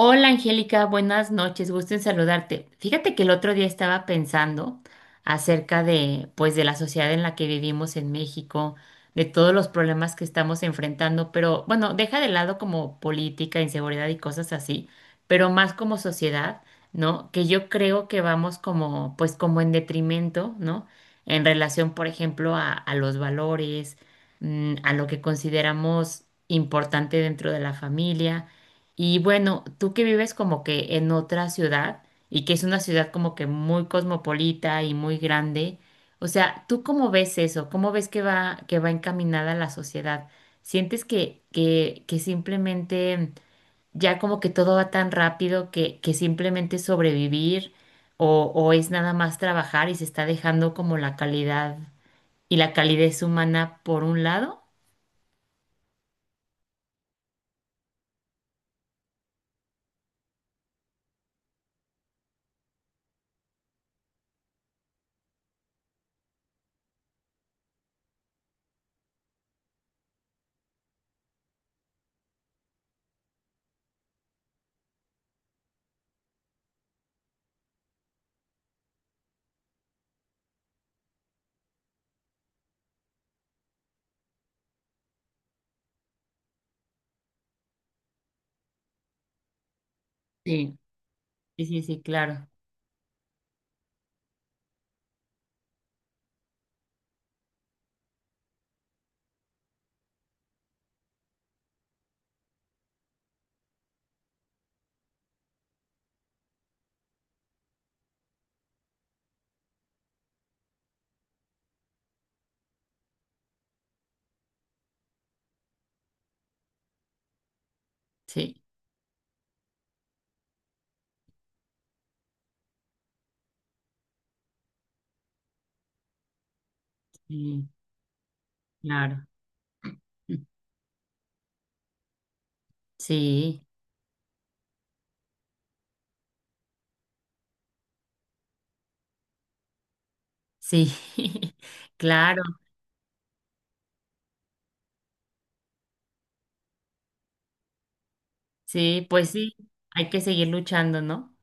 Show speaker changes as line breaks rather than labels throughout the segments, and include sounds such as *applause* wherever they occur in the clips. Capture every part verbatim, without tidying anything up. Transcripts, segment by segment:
Hola Angélica, buenas noches, gusto en saludarte. Fíjate que el otro día estaba pensando acerca de, pues, de la sociedad en la que vivimos en México, de todos los problemas que estamos enfrentando, pero bueno, deja de lado como política, inseguridad y cosas así, pero más como sociedad, ¿no? Que yo creo que vamos como, pues, como en detrimento, ¿no? En relación, por ejemplo, a, a los valores, mm, a lo que consideramos importante dentro de la familia. Y bueno, tú que vives como que en otra ciudad y que es una ciudad como que muy cosmopolita y muy grande, o sea, ¿tú cómo ves eso? ¿Cómo ves que va, que va encaminada la sociedad? ¿Sientes que, que, que simplemente ya como que todo va tan rápido que, que simplemente es sobrevivir o, o es nada más trabajar y se está dejando como la calidad y la calidez humana por un lado? Sí, sí, sí, sí, claro. Sí, sí, claro. Sí, sí, *laughs* claro, sí, pues sí, hay que seguir luchando, ¿no?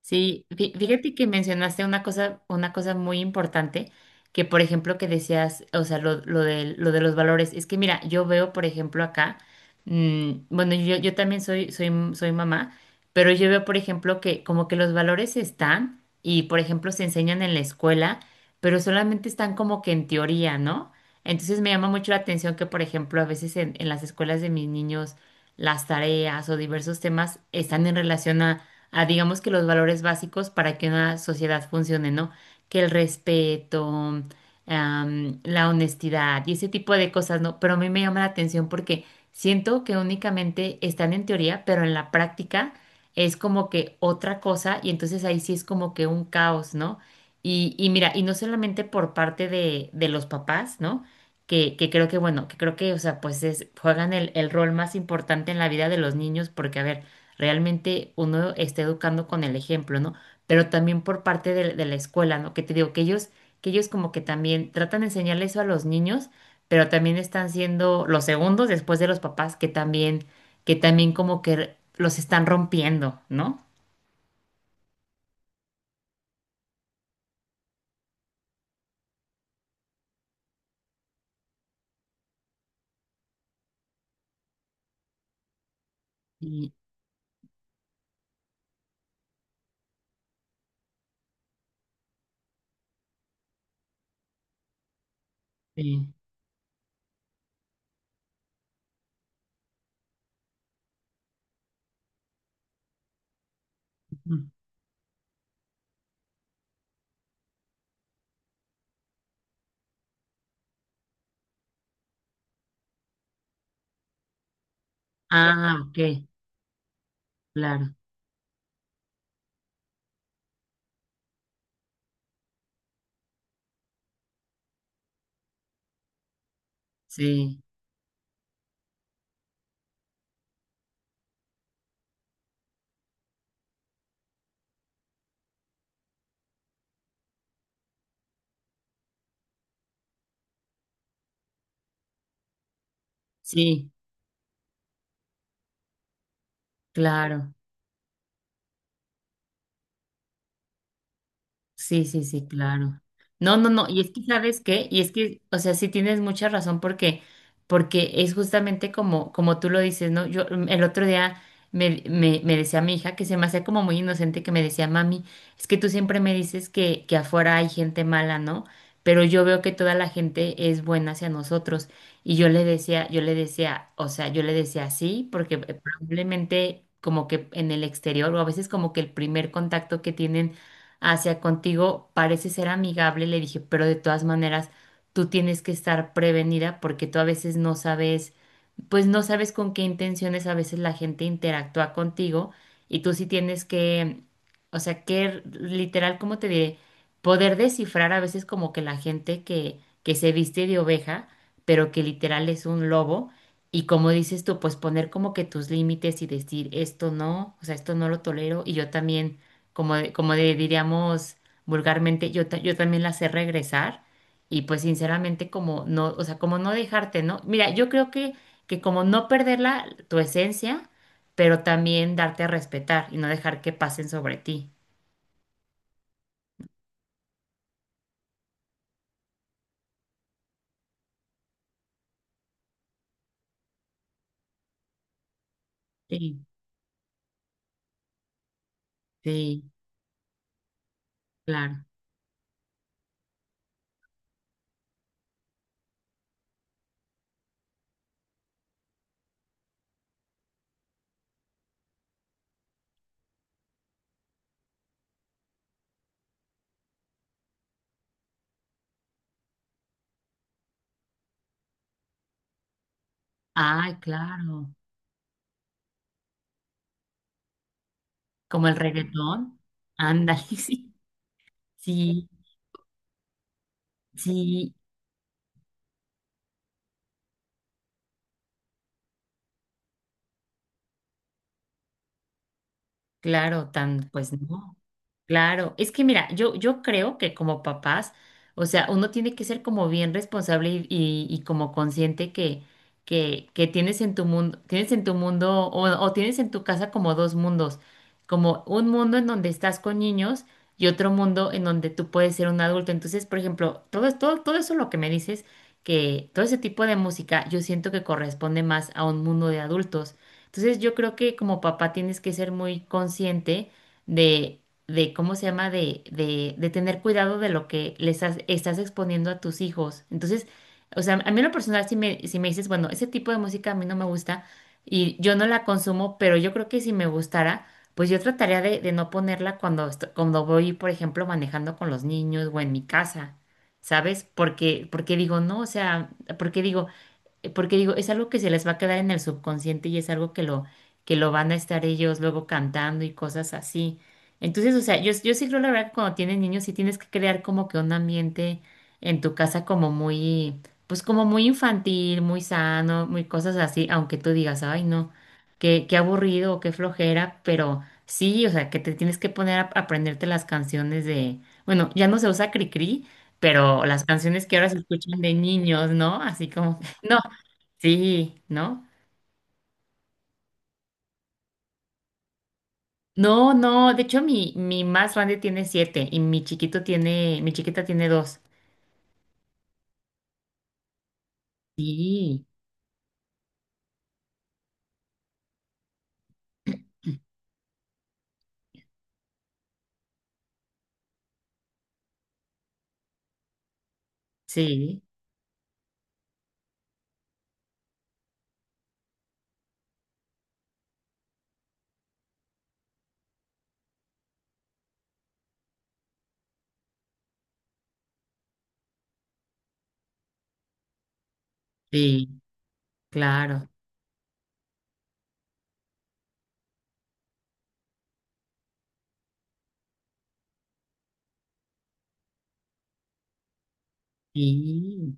Sí, fí- fíjate que mencionaste una cosa, una cosa muy importante, que por ejemplo que decías, o sea, lo, lo de, lo de los valores. Es que mira, yo veo, por ejemplo, acá, mm, bueno, yo, yo también soy, soy, m- soy mamá, pero yo veo, por ejemplo, que como que los valores están y, por ejemplo, se enseñan en la escuela, pero solamente están como que en teoría, ¿no? Entonces me llama mucho la atención que, por ejemplo, a veces en en las escuelas de mis niños, las tareas o diversos temas están en relación a a digamos que los valores básicos para que una sociedad funcione, ¿no? Que el respeto, am, la honestidad y ese tipo de cosas, ¿no? Pero a mí me llama la atención porque siento que únicamente están en teoría, pero en la práctica es como que otra cosa y entonces ahí sí es como que un caos, ¿no? Y, y mira, y no solamente por parte de, de los papás, ¿no? Que, que creo que, bueno, que creo que, o sea, pues es, juegan el, el rol más importante en la vida de los niños porque, a ver, realmente uno está educando con el ejemplo, ¿no? Pero también por parte de, de la escuela, ¿no? Que te digo, que ellos, que ellos como que también tratan de enseñar eso a los niños, pero también están siendo los segundos después de los papás que también, que también como que los están rompiendo, ¿no? Sí, sí. Ujú. Ah, ok, claro, sí, sí, claro. Sí, sí, sí, claro. No, no, no, y es que sabes qué, y es que, o sea, sí tienes mucha razón porque, porque es justamente como, como tú lo dices, ¿no? Yo mm, el otro día me, me, me decía mi hija que se me hacía como muy inocente que me decía, mami, es que tú siempre me dices que, que afuera hay gente mala, ¿no? Pero yo veo que toda la gente es buena hacia nosotros. Y yo le decía, yo le decía, o sea, yo le decía sí, porque eh, probablemente como que en el exterior, o a veces como que el primer contacto que tienen hacia contigo, parece ser amigable, le dije, pero de todas maneras, tú tienes que estar prevenida porque tú a veces no sabes pues no sabes con qué intenciones a veces la gente interactúa contigo y tú sí tienes que, o sea, que literal, ¿cómo te diré? Poder descifrar a veces como que la gente que, que se viste de oveja, pero que literal es un lobo y como dices tú, pues poner como que tus límites y decir esto no, o sea, esto no lo tolero y yo también, como, de- como de- diríamos vulgarmente, yo, ta- yo también la sé regresar. Y pues sinceramente como no, o sea, como no dejarte, ¿no? Mira, yo creo que que como no perderla, tu esencia, pero también darte a respetar y no dejar que pasen sobre ti. Sí, sí, claro. Ay, claro. Como el reggaetón. Ándale, *laughs* sí. Sí, sí, claro, tan, pues no. Claro, es que mira, yo, yo creo que como papás, o sea, uno tiene que ser como bien responsable y, y- y como consciente que, que, que tienes en tu mundo, tienes en tu mundo o, o tienes en tu casa como dos mundos, como un mundo en donde estás con niños y otro mundo en donde tú puedes ser un adulto. Entonces, por ejemplo, todo, es- todo, todo eso lo que me dices, que todo ese tipo de música, yo siento que corresponde más a un mundo de adultos. Entonces, yo creo que como papá tienes que ser muy consciente de cómo se llama, de, de, de tener cuidado de lo que les has- estás exponiendo a tus hijos. Entonces, o sea, a mí en lo personal, si me, si me dices, bueno, ese tipo de música a mí no me gusta y yo no la consumo, pero yo creo que si me gustara, pues yo trataría de, de no ponerla cuando, est- cuando voy, por ejemplo, manejando con los niños o en mi casa. ¿Sabes? Porque, porque digo, no, o sea, porque digo, eh, porque digo, es algo que se les va a quedar en el subconsciente y es algo que lo, que lo van a estar ellos luego cantando y cosas así. Entonces, o sea, yo, yo sí creo la verdad que cuando tienes niños sí tienes que crear como que un ambiente en tu casa como muy, pues como muy infantil, muy sano, muy cosas así, aunque tú digas, ay no, qué, qué aburrido o qué flojera, pero sí, o sea, que te tienes que poner a aprenderte las canciones de, bueno, ya no se usa Cricri, pero las canciones que ahora se escuchan de niños, ¿no? Así como... *laughs* No, sí, ¿no? No, no, de hecho mi, mi más grande tiene siete y mi chiquito tiene, mi chiquita tiene dos. Sí, *clears throat* sí, sí, claro, sí,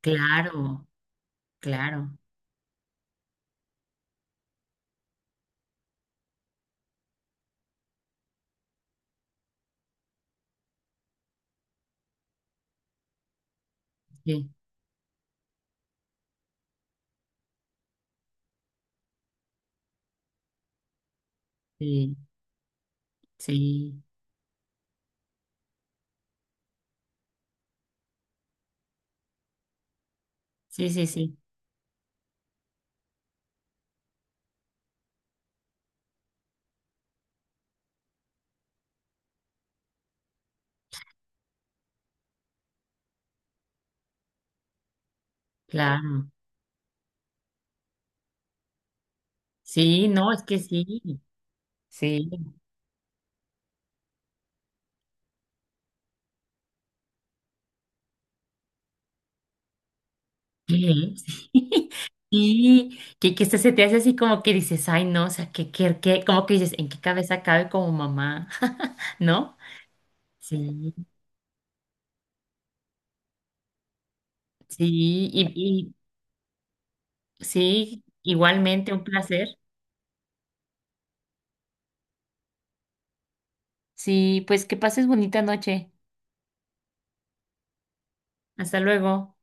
claro, claro, sí, sí, sí, sí, sí, sí, claro. Sí, no, es que sí, sí, ¿qué? *laughs* sí, que, que este se te hace así como que dices, ay, no, o sea, que, que, que, como que dices, ¿en qué cabeza cabe como mamá? *laughs* ¿No? Sí, sí, y, y sí, igualmente un placer. Sí, pues que pases bonita noche. Hasta luego.